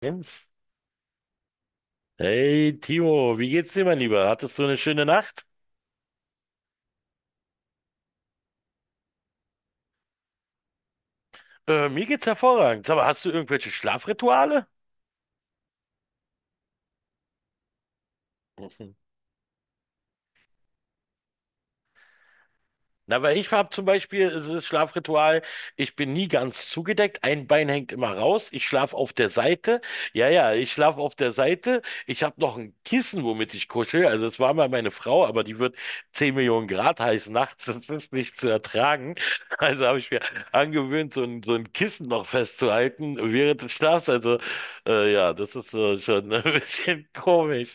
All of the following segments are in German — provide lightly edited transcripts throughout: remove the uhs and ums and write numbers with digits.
Jens. Hey Timo, wie geht's dir, mein Lieber? Hattest du eine schöne Nacht? Mir geht's hervorragend. Aber hast du irgendwelche Schlafrituale? Na, weil ich habe zum Beispiel, es ist Schlafritual, ich bin nie ganz zugedeckt, ein Bein hängt immer raus, ich schlafe auf der Seite. Ja, ja, ich schlafe auf der Seite. Ich habe noch ein Kissen, womit ich kuschel. Also es war mal meine Frau, aber die wird 10 Millionen Grad heiß nachts, das ist nicht zu ertragen. Also habe ich mir angewöhnt, so ein Kissen noch festzuhalten während des Schlafs. Also ja, das ist schon ein bisschen komisch.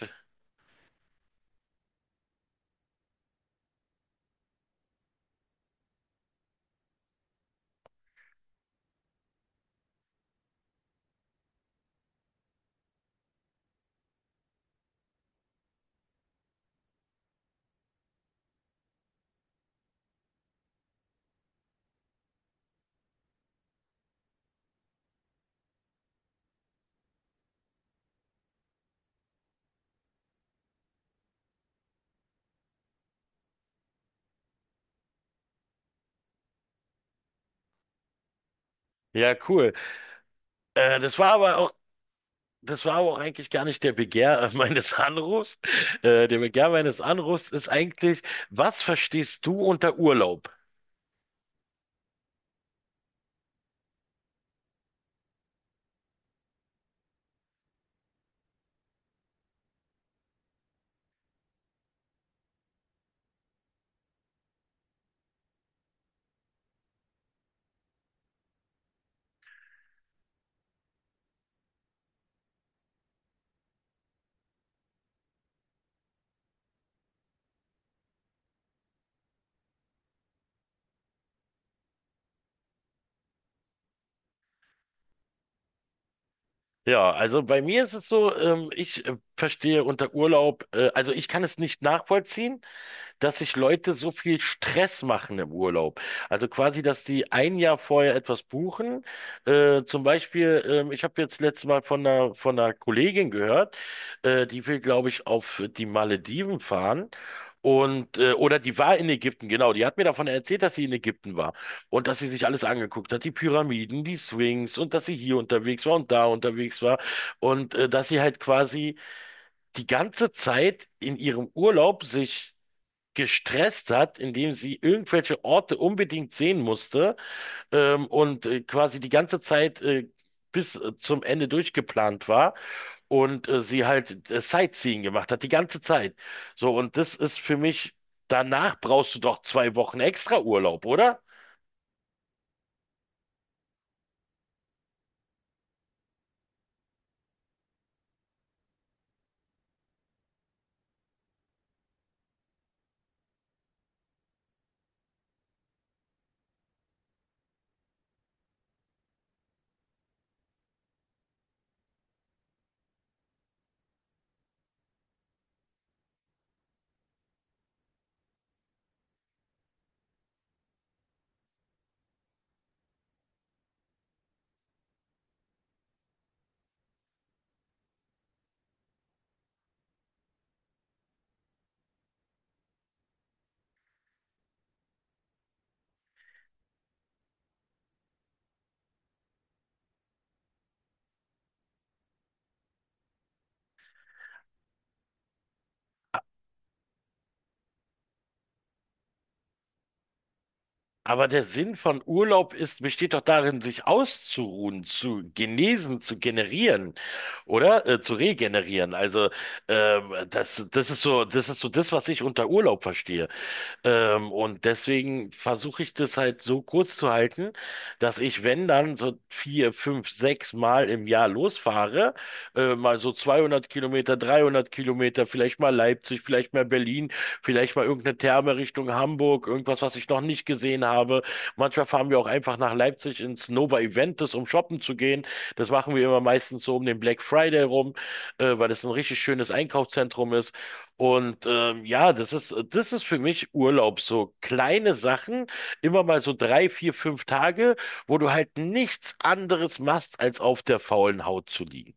Ja, cool. Äh, das war aber auch Das war aber auch eigentlich gar nicht der Begehr meines Anrufs. Der Begehr meines Anrufs ist eigentlich, was verstehst du unter Urlaub? Ja, also bei mir ist es so, ich verstehe unter Urlaub, also ich kann es nicht nachvollziehen, dass sich Leute so viel Stress machen im Urlaub. Also quasi, dass die ein Jahr vorher etwas buchen. Zum Beispiel, ich habe jetzt letztes Mal von einer Kollegin gehört, die will, glaube ich, auf die Malediven fahren. Und, oder die war in Ägypten, genau. Die hat mir davon erzählt, dass sie in Ägypten war und dass sie sich alles angeguckt hat, die Pyramiden, die Sphinx, und dass sie hier unterwegs war und da unterwegs war und dass sie halt quasi die ganze Zeit in ihrem Urlaub sich gestresst hat, indem sie irgendwelche Orte unbedingt sehen musste, quasi die ganze Zeit bis zum Ende durchgeplant war und sie halt Sightseeing gemacht hat, die ganze Zeit. So, und das ist für mich, danach brauchst du doch 2 Wochen extra Urlaub, oder? Aber der Sinn von Urlaub ist, besteht doch darin, sich auszuruhen, zu genesen, zu generieren, oder? Zu regenerieren. Also das ist so, das ist so das, was ich unter Urlaub verstehe. Und deswegen versuche ich das halt so kurz zu halten, dass ich, wenn dann so vier, fünf, sechs Mal im Jahr losfahre, mal so 200 Kilometer, 300 Kilometer, vielleicht mal Leipzig, vielleicht mal Berlin, vielleicht mal irgendeine Therme Richtung Hamburg, irgendwas, was ich noch nicht gesehen habe. Manchmal fahren wir auch einfach nach Leipzig ins Nova Eventis, um shoppen zu gehen. Das machen wir immer meistens so um den Black Friday rum, weil das ein richtig schönes Einkaufszentrum ist. Und ja, das ist für mich Urlaub. So kleine Sachen, immer mal so drei, vier, fünf Tage, wo du halt nichts anderes machst, als auf der faulen Haut zu liegen.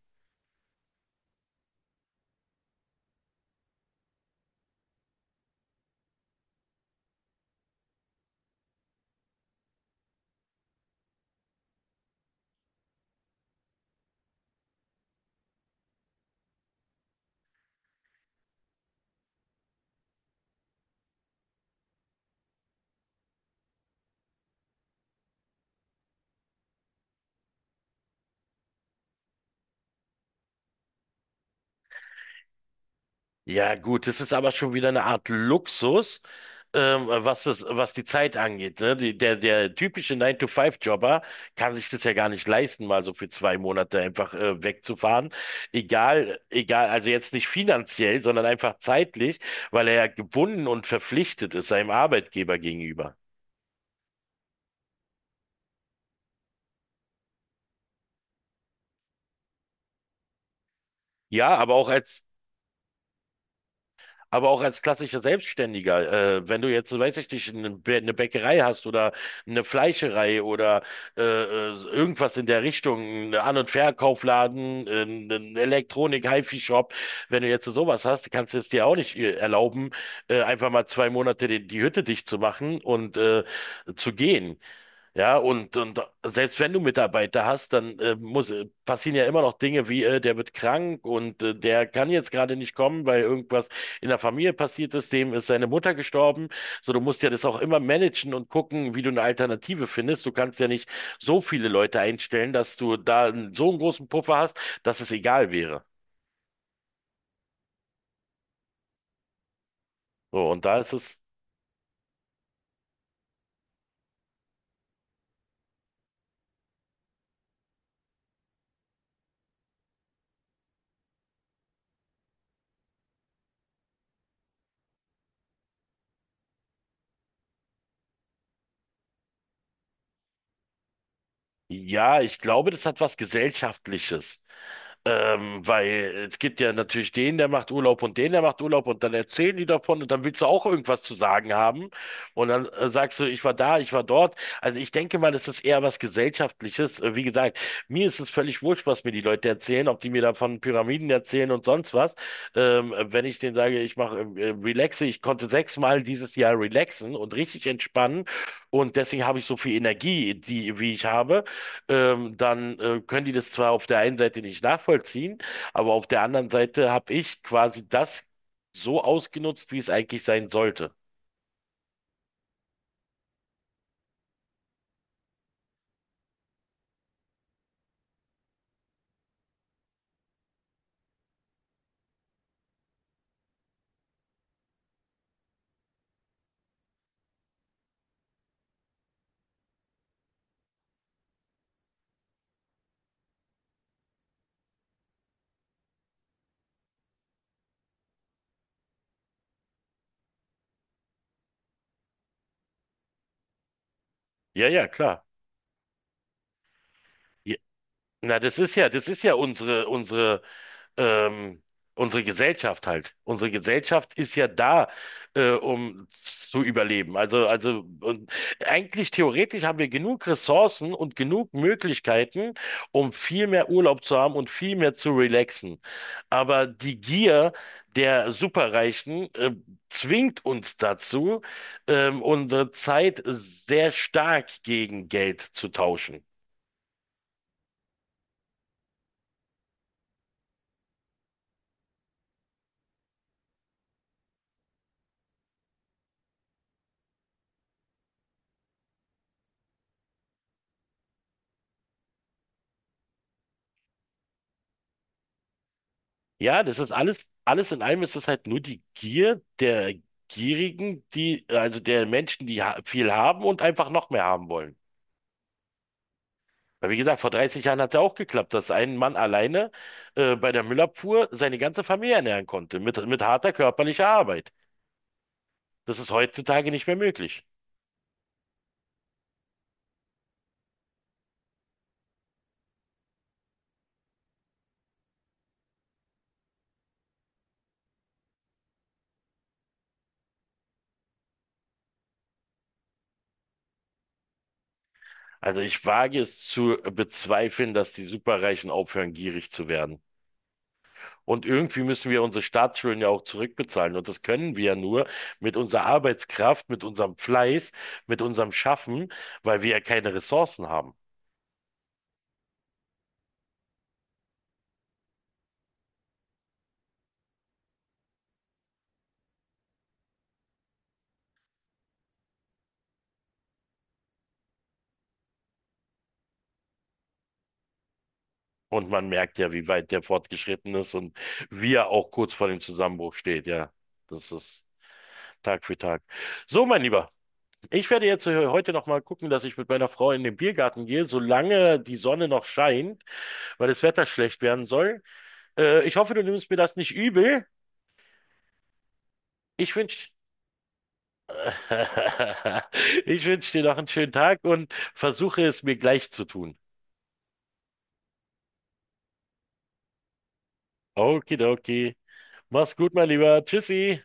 Ja, gut, das ist aber schon wieder eine Art Luxus, was die Zeit angeht. Ne? Der typische Nine to Five jobber kann sich das ja gar nicht leisten, mal so für 2 Monate einfach wegzufahren. Egal, egal, also jetzt nicht finanziell, sondern einfach zeitlich, weil er ja gebunden und verpflichtet ist seinem Arbeitgeber gegenüber. Ja, aber auch als aber auch als klassischer Selbstständiger. Wenn du jetzt, weiß ich nicht, eine Bäckerei hast oder eine Fleischerei oder irgendwas in der Richtung, ein An- und Verkaufladen, ein Elektronik, HiFi-Shop, wenn du jetzt sowas hast, kannst du es dir auch nicht erlauben, einfach mal 2 Monate die Hütte dicht zu machen und zu gehen. Ja, und, und Selbst wenn du Mitarbeiter hast, dann passieren ja immer noch Dinge wie, der wird krank und der kann jetzt gerade nicht kommen, weil irgendwas in der Familie passiert ist, dem ist seine Mutter gestorben. So, du musst ja das auch immer managen und gucken, wie du eine Alternative findest. Du kannst ja nicht so viele Leute einstellen, dass du da so einen großen Puffer hast, dass es egal wäre. So, und da ist es, ja, ich glaube, das hat was Gesellschaftliches. Weil es gibt ja natürlich den, der macht Urlaub und den, der macht Urlaub, und dann erzählen die davon und dann willst du auch irgendwas zu sagen haben und dann sagst du, ich war da, ich war dort. Also ich denke mal, das ist eher was Gesellschaftliches. Wie gesagt, mir ist es völlig wurscht, was mir die Leute erzählen, ob die mir davon Pyramiden erzählen und sonst was. Wenn ich denen sage, ich mache relaxe, ich konnte sechsmal dieses Jahr relaxen und richtig entspannen und deswegen habe ich so viel Energie, die, wie ich habe, dann können die das zwar auf der einen Seite nicht nachvollziehen, aber auf der anderen Seite habe ich quasi das so ausgenutzt, wie es eigentlich sein sollte. Ja, ja, klar. Ja, na, das ist ja unsere ähm, unsere Gesellschaft halt. Unsere Gesellschaft ist ja da, um zu überleben. Also, und eigentlich theoretisch haben wir genug Ressourcen und genug Möglichkeiten, um viel mehr Urlaub zu haben und viel mehr zu relaxen. Aber die Gier der Superreichen, zwingt uns dazu, unsere Zeit sehr stark gegen Geld zu tauschen. Ja, das ist alles, alles in allem ist es halt nur die Gier der Gierigen, die, also der Menschen, die ha viel haben und einfach noch mehr haben wollen. Weil wie gesagt, vor 30 Jahren hat es ja auch geklappt, dass ein Mann alleine bei der Müllabfuhr seine ganze Familie ernähren konnte, mit harter körperlicher Arbeit. Das ist heutzutage nicht mehr möglich. Also ich wage es zu bezweifeln, dass die Superreichen aufhören, gierig zu werden. Und irgendwie müssen wir unsere Staatsschulden ja auch zurückbezahlen. Und das können wir ja nur mit unserer Arbeitskraft, mit unserem Fleiß, mit unserem Schaffen, weil wir ja keine Ressourcen haben. Und man merkt ja, wie weit der fortgeschritten ist und wie er auch kurz vor dem Zusammenbruch steht. Ja, das ist Tag für Tag. So, mein Lieber, ich werde jetzt heute noch mal gucken, dass ich mit meiner Frau in den Biergarten gehe, solange die Sonne noch scheint, weil das Wetter schlecht werden soll. Ich hoffe, du nimmst mir das nicht übel. Ich wünsche Ich wünsche dir noch einen schönen Tag und versuche es mir gleich zu tun. Okidoki. Mach's gut, mein Lieber. Tschüssi.